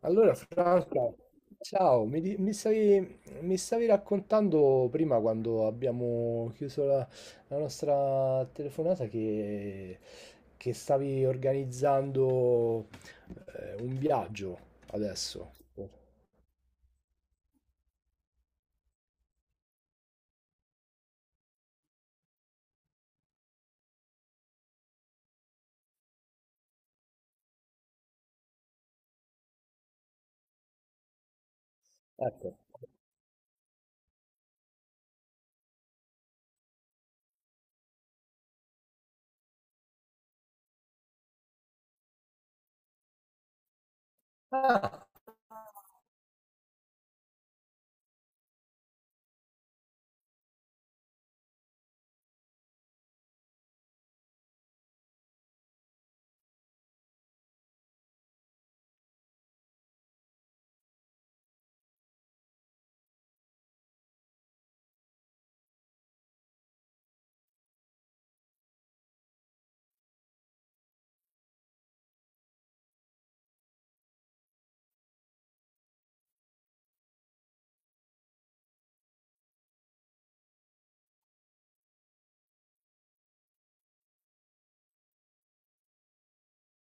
Allora, Franca, ciao, mi stavi raccontando prima quando abbiamo chiuso la nostra telefonata che stavi organizzando un viaggio adesso. Ecco. Ah,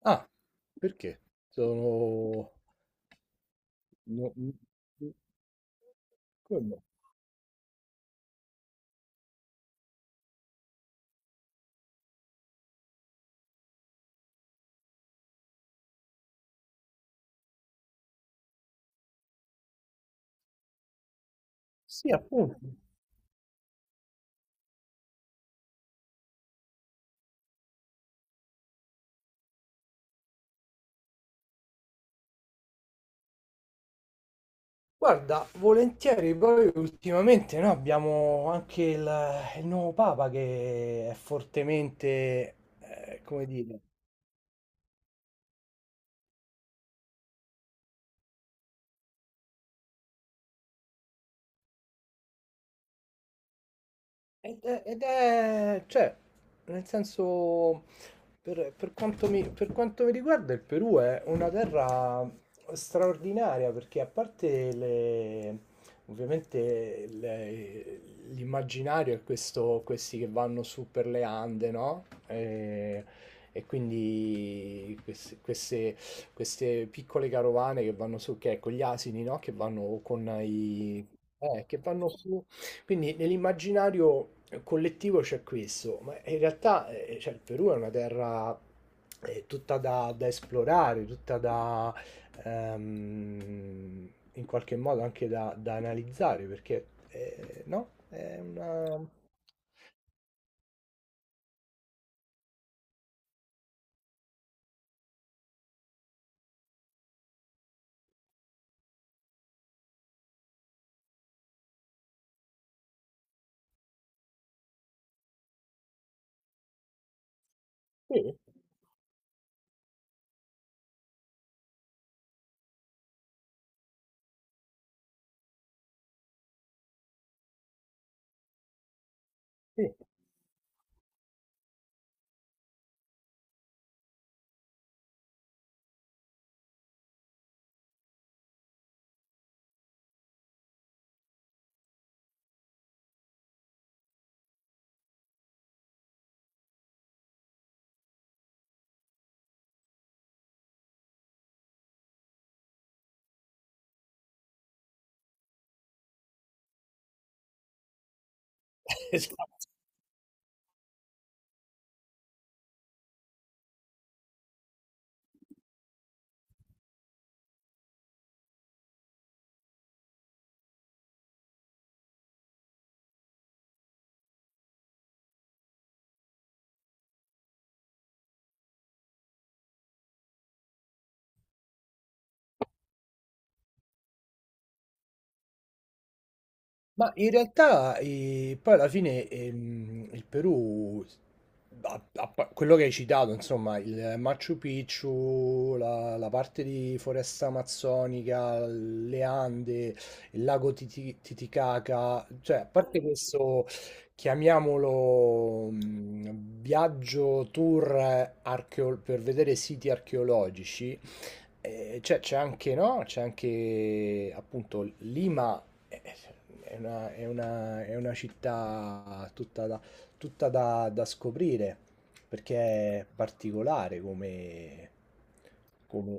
ah, perché? Sono. no- no- Come no? Sì, appunto. Guarda, volentieri, poi ultimamente noi abbiamo anche il nuovo Papa che è fortemente, come dire. Cioè, nel senso, per quanto mi riguarda, il Perù è una terra straordinaria perché a parte ovviamente l'immaginario è questo, questi che vanno su per le Ande, no? E quindi queste piccole carovane che vanno su, che è con gli asini, no? Che vanno con i. Che vanno su. Quindi nell'immaginario collettivo c'è questo, ma in realtà cioè, il Perù è una terra tutta da esplorare, tutta da in qualche modo anche da analizzare, perché no? È una. Sì, sì. Esatto. Ma in realtà poi alla fine il Perù, quello che hai citato, insomma, il Machu Picchu, la parte di foresta amazzonica, le Ande, il lago Titicaca, cioè a parte questo, chiamiamolo viaggio tour per vedere siti archeologici, c'è anche, no? C'è anche appunto Lima è è una, è una città tutta da scoprire perché è particolare come...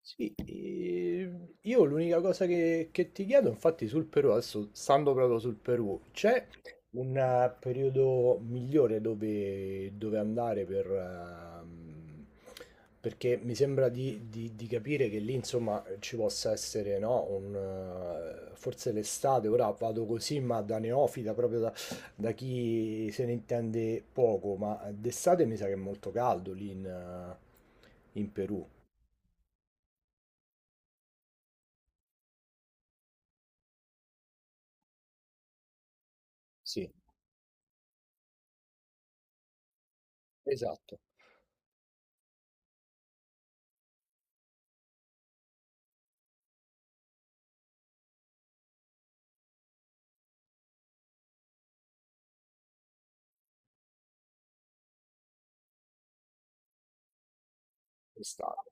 Sì, io l'unica cosa che ti chiedo, infatti, sul Perù, adesso stando proprio sul Perù, c'è un periodo migliore dove andare perché mi sembra di capire che lì, insomma, ci possa essere, no, forse l'estate, ora vado così, ma da neofita, proprio da chi se ne intende poco, ma d'estate mi sa che è molto caldo lì in Perù, sì. Esatto, quest'anno.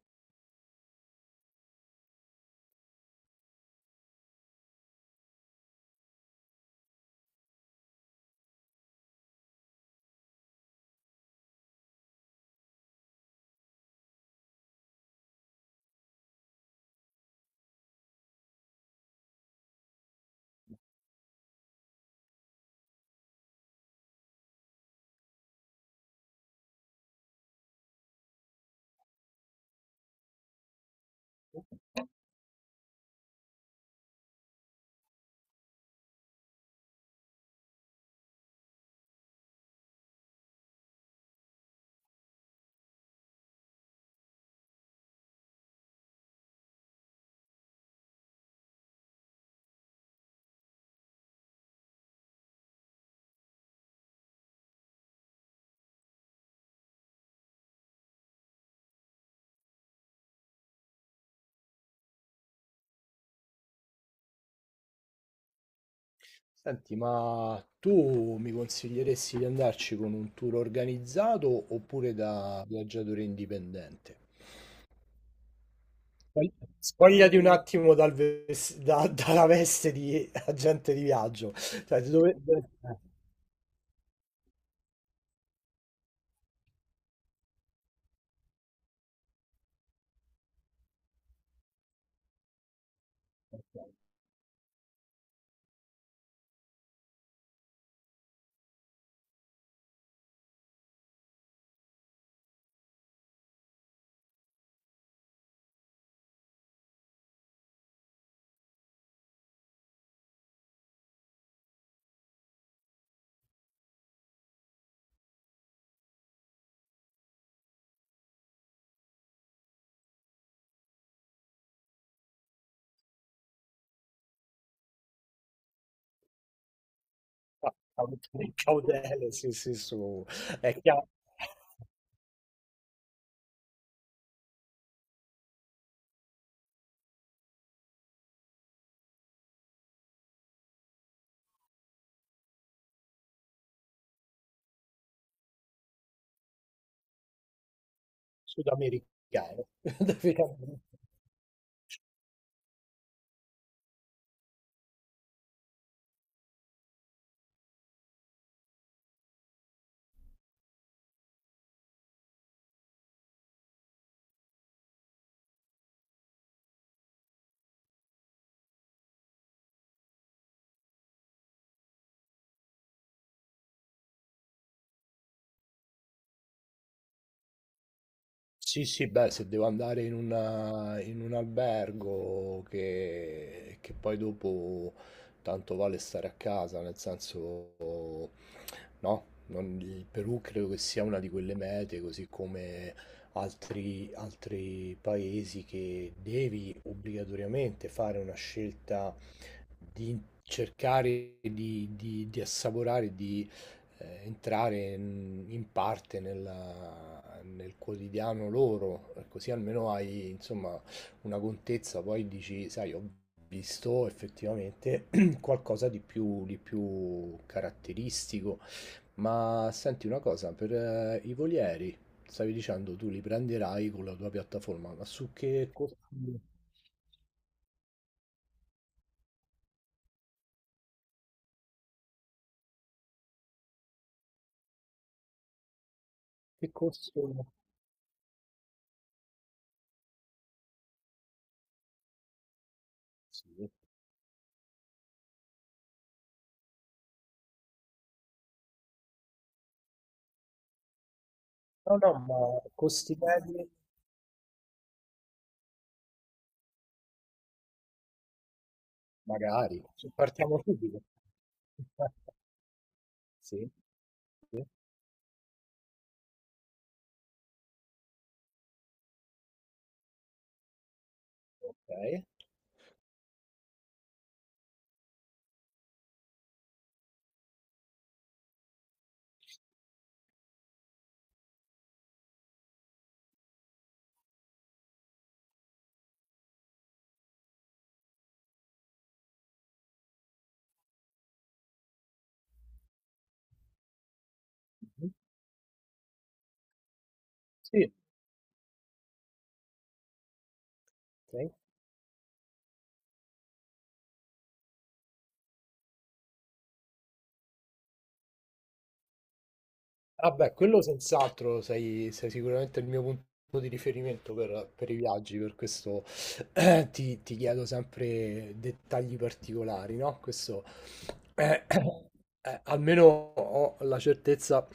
Senti, ma tu mi consiglieresti di andarci con un tour organizzato oppure da viaggiatore indipendente? Spogli- Spogliati un attimo dalla veste di agente di viaggio, cioè, di dove. Cautele, sì, sì, su. È chiaro, sudamericano. Sì, sì, beh, se devo andare in un albergo che poi dopo tanto vale stare a casa, nel senso, no, il Perù credo che sia una di quelle mete, così come altri paesi che devi obbligatoriamente fare una scelta di cercare di assaporare, di entrare in parte nel quotidiano loro, così almeno hai insomma una contezza, poi dici, sai, ho visto effettivamente qualcosa di più caratteristico. Ma senti una cosa, per i volieri, stavi dicendo tu li prenderai con la tua piattaforma, ma su che costo? Che costo? Sì. No, no, ma costi medi? Magari, partiamo subito. Sì. Sì. Okay. Mh-mh. Sì. Okay. Ah beh, quello senz'altro sei sicuramente il mio punto di riferimento per i viaggi, per questo ti chiedo sempre dettagli particolari, no, questo eh, almeno ho la certezza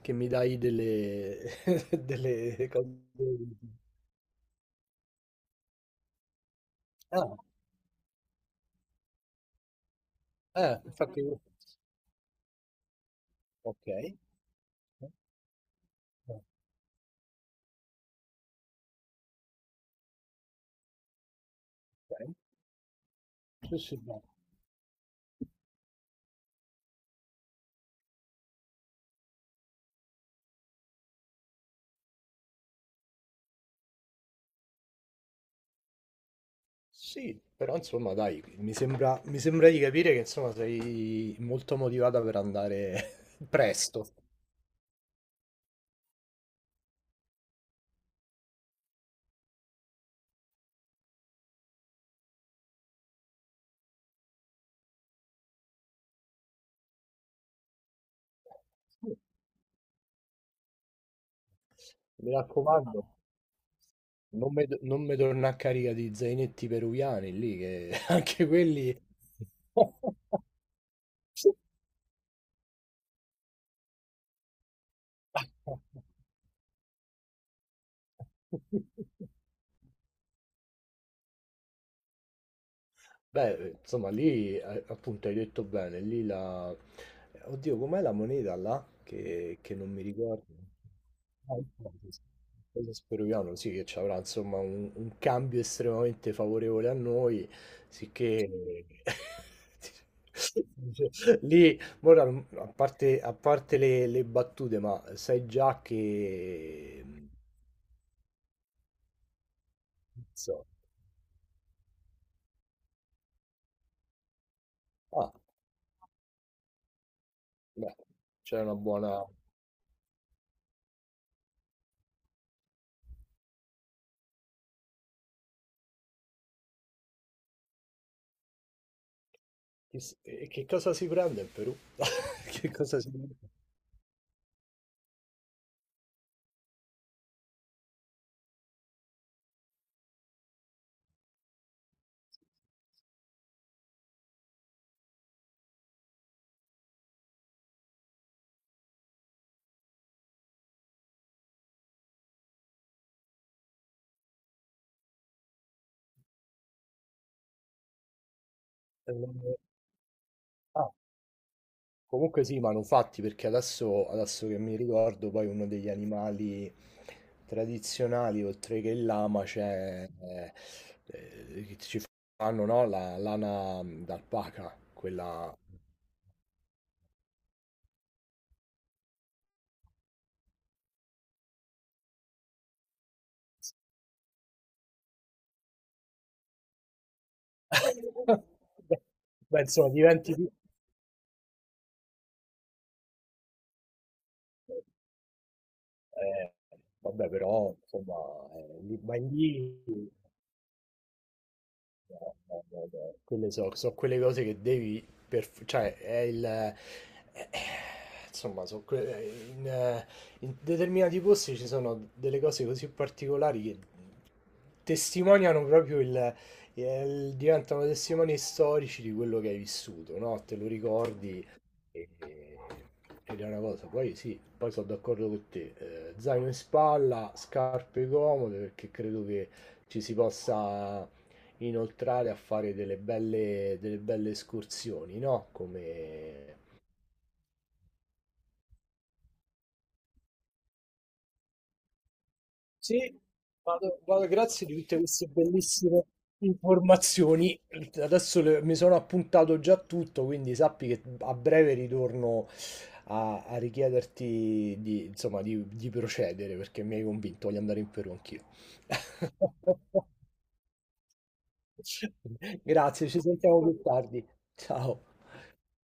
che mi dai delle delle cose ah, infatti okay. Okay. Sì, sì, no. Sì, però insomma dai, mi sembra di capire che insomma sei molto motivata per andare presto. Mi raccomando, non mi torna a carica di zainetti peruviani lì, che anche quelli. Beh, insomma, lì appunto hai detto bene, lì la. Oddio, com'è la moneta là? Che non mi ricordo. Ah, il peso peruviano, sì, che ci avrà insomma un cambio estremamente favorevole a noi, sicché lì, ora, a parte le battute, ma sai già che non so. Ah, beh, c'è una buona. Chiss e che cosa si prende in Perù? Che cosa si prende? Ehm, ah, Comunque sì, manufatti, perché adesso che mi ricordo, poi uno degli animali tradizionali, oltre che il lama, c'è che ci fanno, no, la lana d'alpaca, quella. Beh, insomma, diventi. Eh, Vabbè, però, insomma, vai lì. No, no, no, no. Quelle so quelle cose che devi cioè è il eh, insomma in determinati posti ci sono delle cose così particolari che testimoniano proprio diventano testimoni storici di quello che hai vissuto, no? Te lo ricordi e- ed è una cosa. Poi sì, poi sono d'accordo con te. Zaino in spalla, scarpe comode perché credo che ci si possa inoltrare a fare delle belle escursioni, no? Come. Sì, vado, grazie di tutte queste bellissime informazioni. Adesso mi sono appuntato già tutto, quindi sappi che a breve ritorno a richiederti di, insomma, di procedere perché mi hai convinto, voglio andare in Perù anch'io. Grazie, ci sentiamo più tardi. Ciao.